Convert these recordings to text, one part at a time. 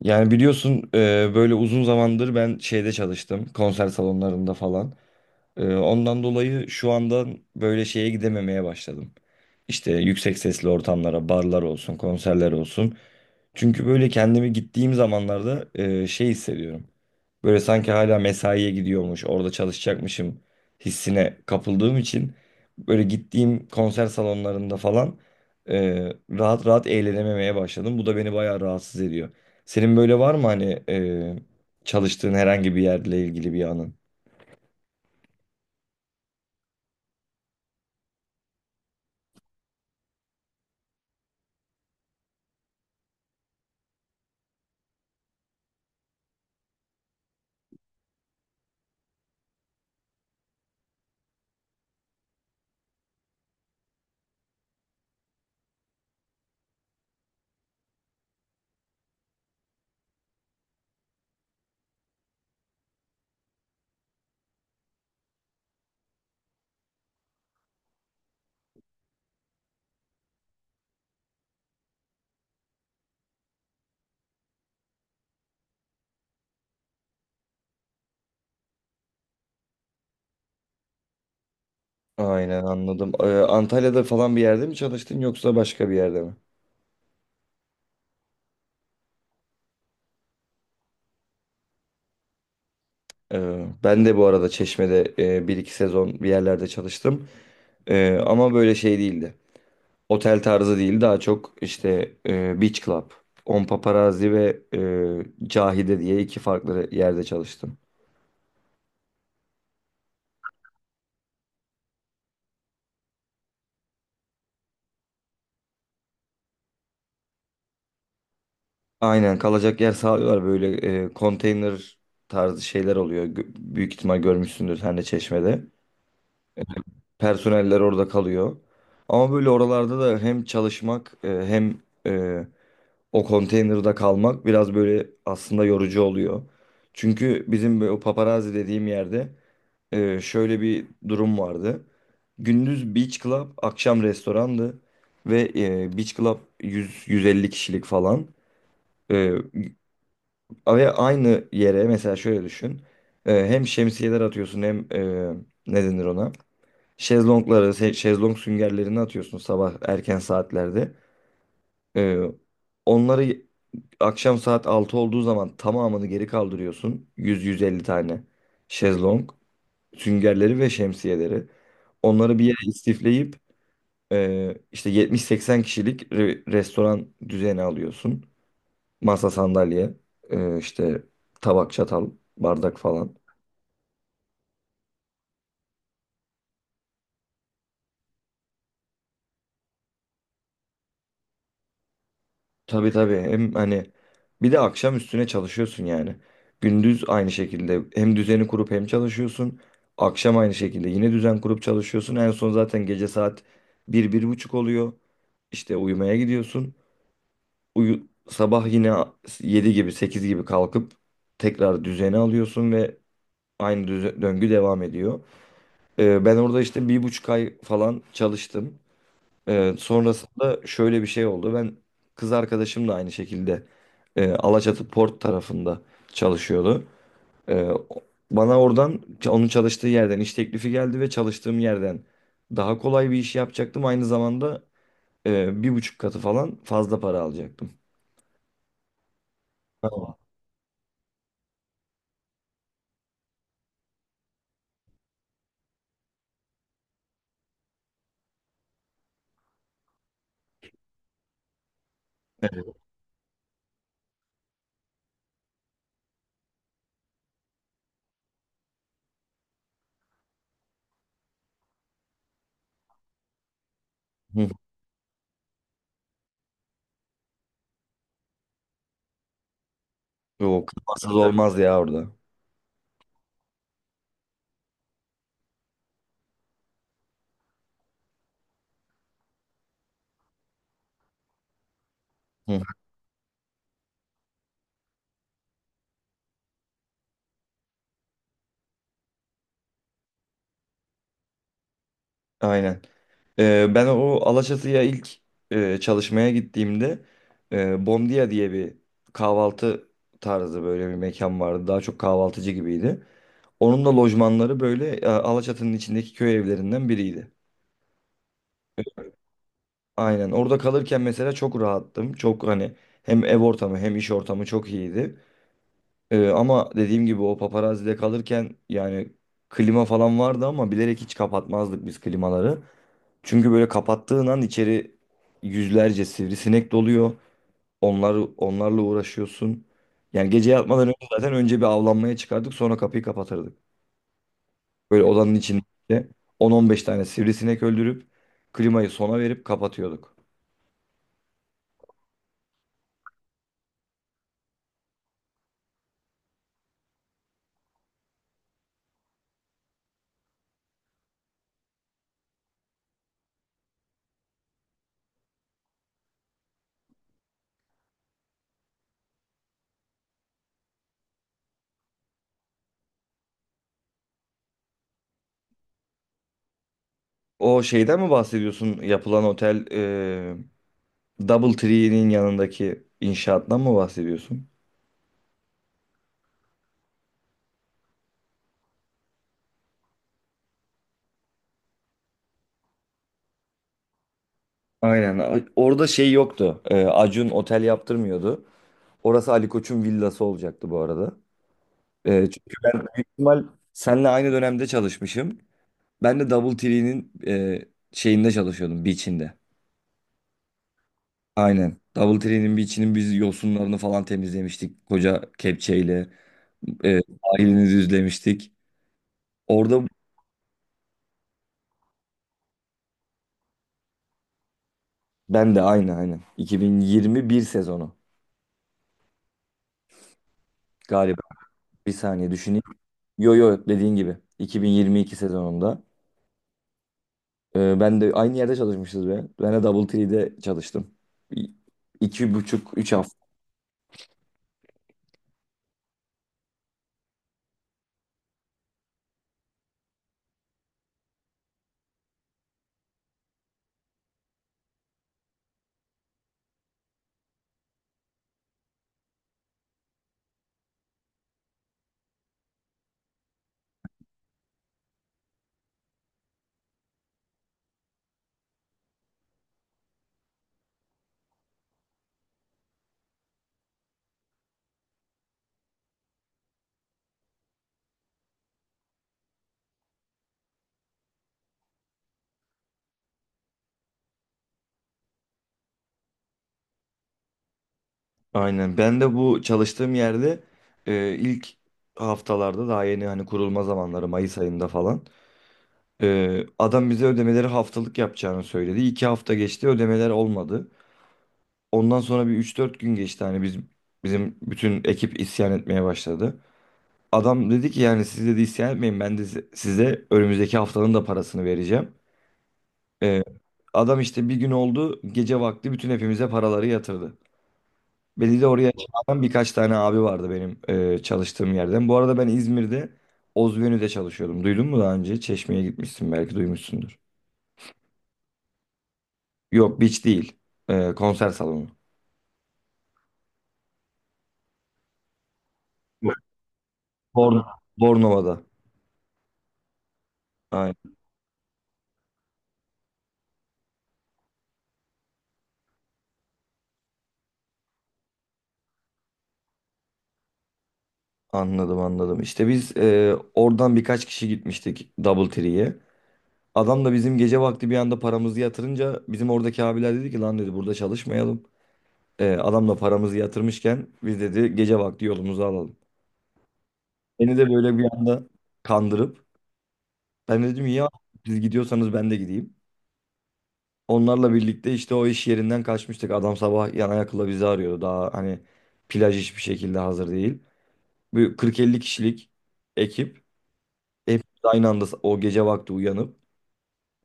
Yani biliyorsun böyle uzun zamandır ben şeyde çalıştım konser salonlarında falan. Ondan dolayı şu anda böyle şeye gidememeye başladım. İşte yüksek sesli ortamlara, barlar olsun, konserler olsun. Çünkü böyle kendimi gittiğim zamanlarda şey hissediyorum. Böyle sanki hala mesaiye gidiyormuş, orada çalışacakmışım hissine kapıldığım için böyle gittiğim konser salonlarında falan e, rahat rahat eğlenememeye başladım. Bu da beni bayağı rahatsız ediyor. Senin böyle var mı hani çalıştığın herhangi bir yerle ilgili bir anın? Aynen, anladım. Antalya'da falan bir yerde mi çalıştın yoksa başka bir yerde mi? Ben de bu arada Çeşme'de bir iki sezon bir yerlerde çalıştım. Ama böyle şey değildi. Otel tarzı değil, daha çok işte Beach Club, On Paparazzi ve Cahide diye iki farklı yerde çalıştım. Aynen, kalacak yer sağlıyorlar, böyle konteyner tarzı şeyler oluyor. Büyük ihtimal görmüşsündür sen de Çeşme'de. Personeller orada kalıyor. Ama böyle oralarda da hem çalışmak hem e, o konteynerda kalmak biraz böyle aslında yorucu oluyor. Çünkü bizim o paparazzi dediğim yerde şöyle bir durum vardı. Gündüz beach club, akşam restorandı ve beach club 100-150 kişilik falan. E, Ve aynı yere mesela şöyle düşün. Hem şemsiyeler atıyorsun hem ne denir ona? Şezlongları, şezlong süngerlerini atıyorsun sabah erken saatlerde. Ee, Onları akşam saat 6 olduğu zaman tamamını geri kaldırıyorsun. 100-150 tane şezlong, süngerleri ve şemsiyeleri. Onları bir yere istifleyip işte 70-80 kişilik restoran düzeni alıyorsun. Masa, sandalye, işte tabak, çatal, bardak falan. Tabii, tabii, hem hani bir de akşam üstüne çalışıyorsun yani. Gündüz aynı şekilde hem düzeni kurup hem çalışıyorsun. Akşam aynı şekilde yine düzen kurup çalışıyorsun. En son zaten gece saat bir, bir buçuk oluyor. İşte uyumaya gidiyorsun. Uyu, sabah yine 7 gibi 8 gibi kalkıp tekrar düzeni alıyorsun ve aynı döngü devam ediyor. Ben orada işte bir buçuk ay falan çalıştım. Sonrasında şöyle bir şey oldu. Ben kız arkadaşım da aynı şekilde Alaçatı Port tarafında çalışıyordu. Ee, o- Bana oradan onun çalıştığı yerden iş teklifi geldi ve çalıştığım yerden daha kolay bir iş yapacaktım. Aynı zamanda bir buçuk katı falan fazla para alacaktım. Tamam. Hı. Yok, kafasız olmaz ya orada. Hı. Aynen. Ben o Alaçatı'ya ilk çalışmaya gittiğimde Bomdia diye bir kahvaltı tarzı böyle bir mekan vardı. Daha çok kahvaltıcı gibiydi. Onun da lojmanları böyle Alaçatı'nın içindeki köy evlerinden biriydi. Aynen, orada kalırken mesela çok rahattım. Çok hani hem ev ortamı hem iş ortamı çok iyiydi. Ama dediğim gibi o paparazide kalırken yani klima falan vardı ama bilerek hiç kapatmazdık biz klimaları. Çünkü böyle kapattığın an içeri yüzlerce sivrisinek doluyor. Onlarla uğraşıyorsun. Yani gece yatmadan önce zaten önce bir avlanmaya çıkardık sonra kapıyı kapatırdık. Böyle odanın içinde 10-15 tane sivrisinek öldürüp klimayı sona verip kapatıyorduk. O şeyden mi bahsediyorsun? Yapılan otel Doubletree'nin yanındaki inşaattan mı bahsediyorsun? Aynen. Orada şey yoktu. Acun otel yaptırmıyordu. Orası Ali Koç'un villası olacaktı bu arada. Çünkü ben büyük ihtimal seninle aynı dönemde çalışmışım. Ben de Double Tree'nin şeyinde çalışıyordum, beach'inde. Aynen. Double Tree'nin beach'inin biz yosunlarını falan temizlemiştik. Koca kepçeyle. E, Sahilini düzlemiştik. Orada ben de aynı aynen. 2021 sezonu galiba. Bir saniye düşüneyim. Yo yo, dediğin gibi. 2022 sezonunda. Ben de aynı yerde çalışmışız be. Ben de Double Tree'de çalıştım. İ- İki buçuk, üç hafta. Aynen. Ben de bu çalıştığım yerde ilk haftalarda daha yeni hani kurulma zamanları Mayıs ayında falan. Adam bize ödemeleri haftalık yapacağını söyledi. İki hafta geçti, ödemeler olmadı. Ondan sonra bir üç dört gün geçti, bizim bütün ekip isyan etmeye başladı. Adam dedi ki yani siz dedi isyan etmeyin ben de size önümüzdeki haftanın da parasını vereceğim. Ee, Adam işte bir gün oldu gece vakti bütün hepimize paraları yatırdı. Beni de oraya çağıran birkaç tane abi vardı benim çalıştığım yerden. Bu arada ben İzmir'de Ozvenü'de çalışıyordum. Duydun mu daha önce? Çeşme'ye gitmişsin, belki duymuşsundur. Yok, beach değil. Konser salonu. Yok. Born Bornova'da. Aynen. Anladım, anladım. İşte biz oradan birkaç kişi gitmiştik Double Tree'ye. Adam da bizim gece vakti bir anda paramızı yatırınca bizim oradaki abiler dedi ki lan dedi burada çalışmayalım. Adamla paramızı yatırmışken biz dedi gece vakti yolumuzu alalım. Beni de böyle bir anda kandırıp ben dedim ya siz gidiyorsanız ben de gideyim. Onlarla birlikte işte o iş yerinden kaçmıştık. Adam sabah yana yakıla bizi arıyordu. Daha hani plaj hiçbir şekilde hazır değil. Bir 40-50 kişilik ekip hepimiz aynı anda o gece vakti uyanıp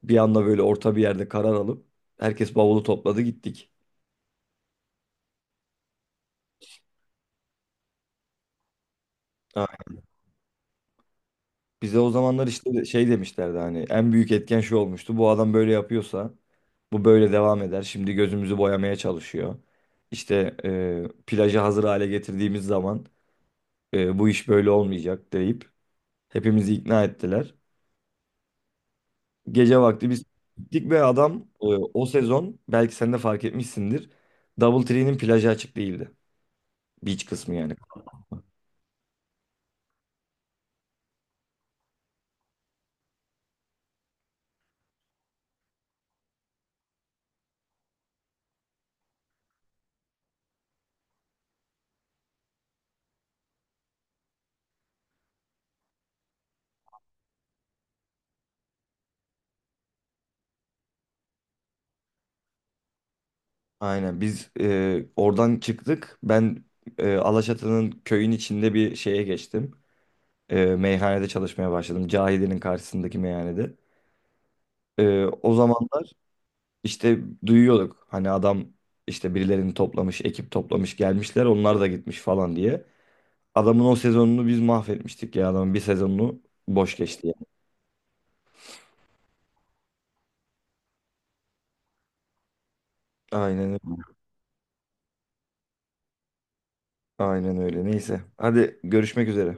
bir anda böyle orta bir yerde karar alıp herkes bavulu topladı, gittik. Bize o zamanlar işte şey demişlerdi, hani en büyük etken şu olmuştu. Bu adam böyle yapıyorsa bu böyle devam eder. Şimdi gözümüzü boyamaya çalışıyor. İşte plajı hazır hale getirdiğimiz zaman bu iş böyle olmayacak deyip hepimizi ikna ettiler. Gece vakti biz gittik ve adam o sezon belki sen de fark etmişsindir. Double Tree'nin plajı açık değildi. Beach kısmı yani. Aynen, biz oradan çıktık. Ben Alaçatı'nın köyün içinde bir şeye geçtim. Meyhanede çalışmaya başladım. Cahide'nin karşısındaki meyhanede. O zamanlar işte duyuyorduk. Hani adam işte birilerini toplamış, ekip toplamış gelmişler. Onlar da gitmiş falan diye. Adamın o sezonunu biz mahvetmiştik ya. Adamın bir sezonunu boş geçti ya. Aynen, aynen öyle. Neyse. Hadi, görüşmek üzere.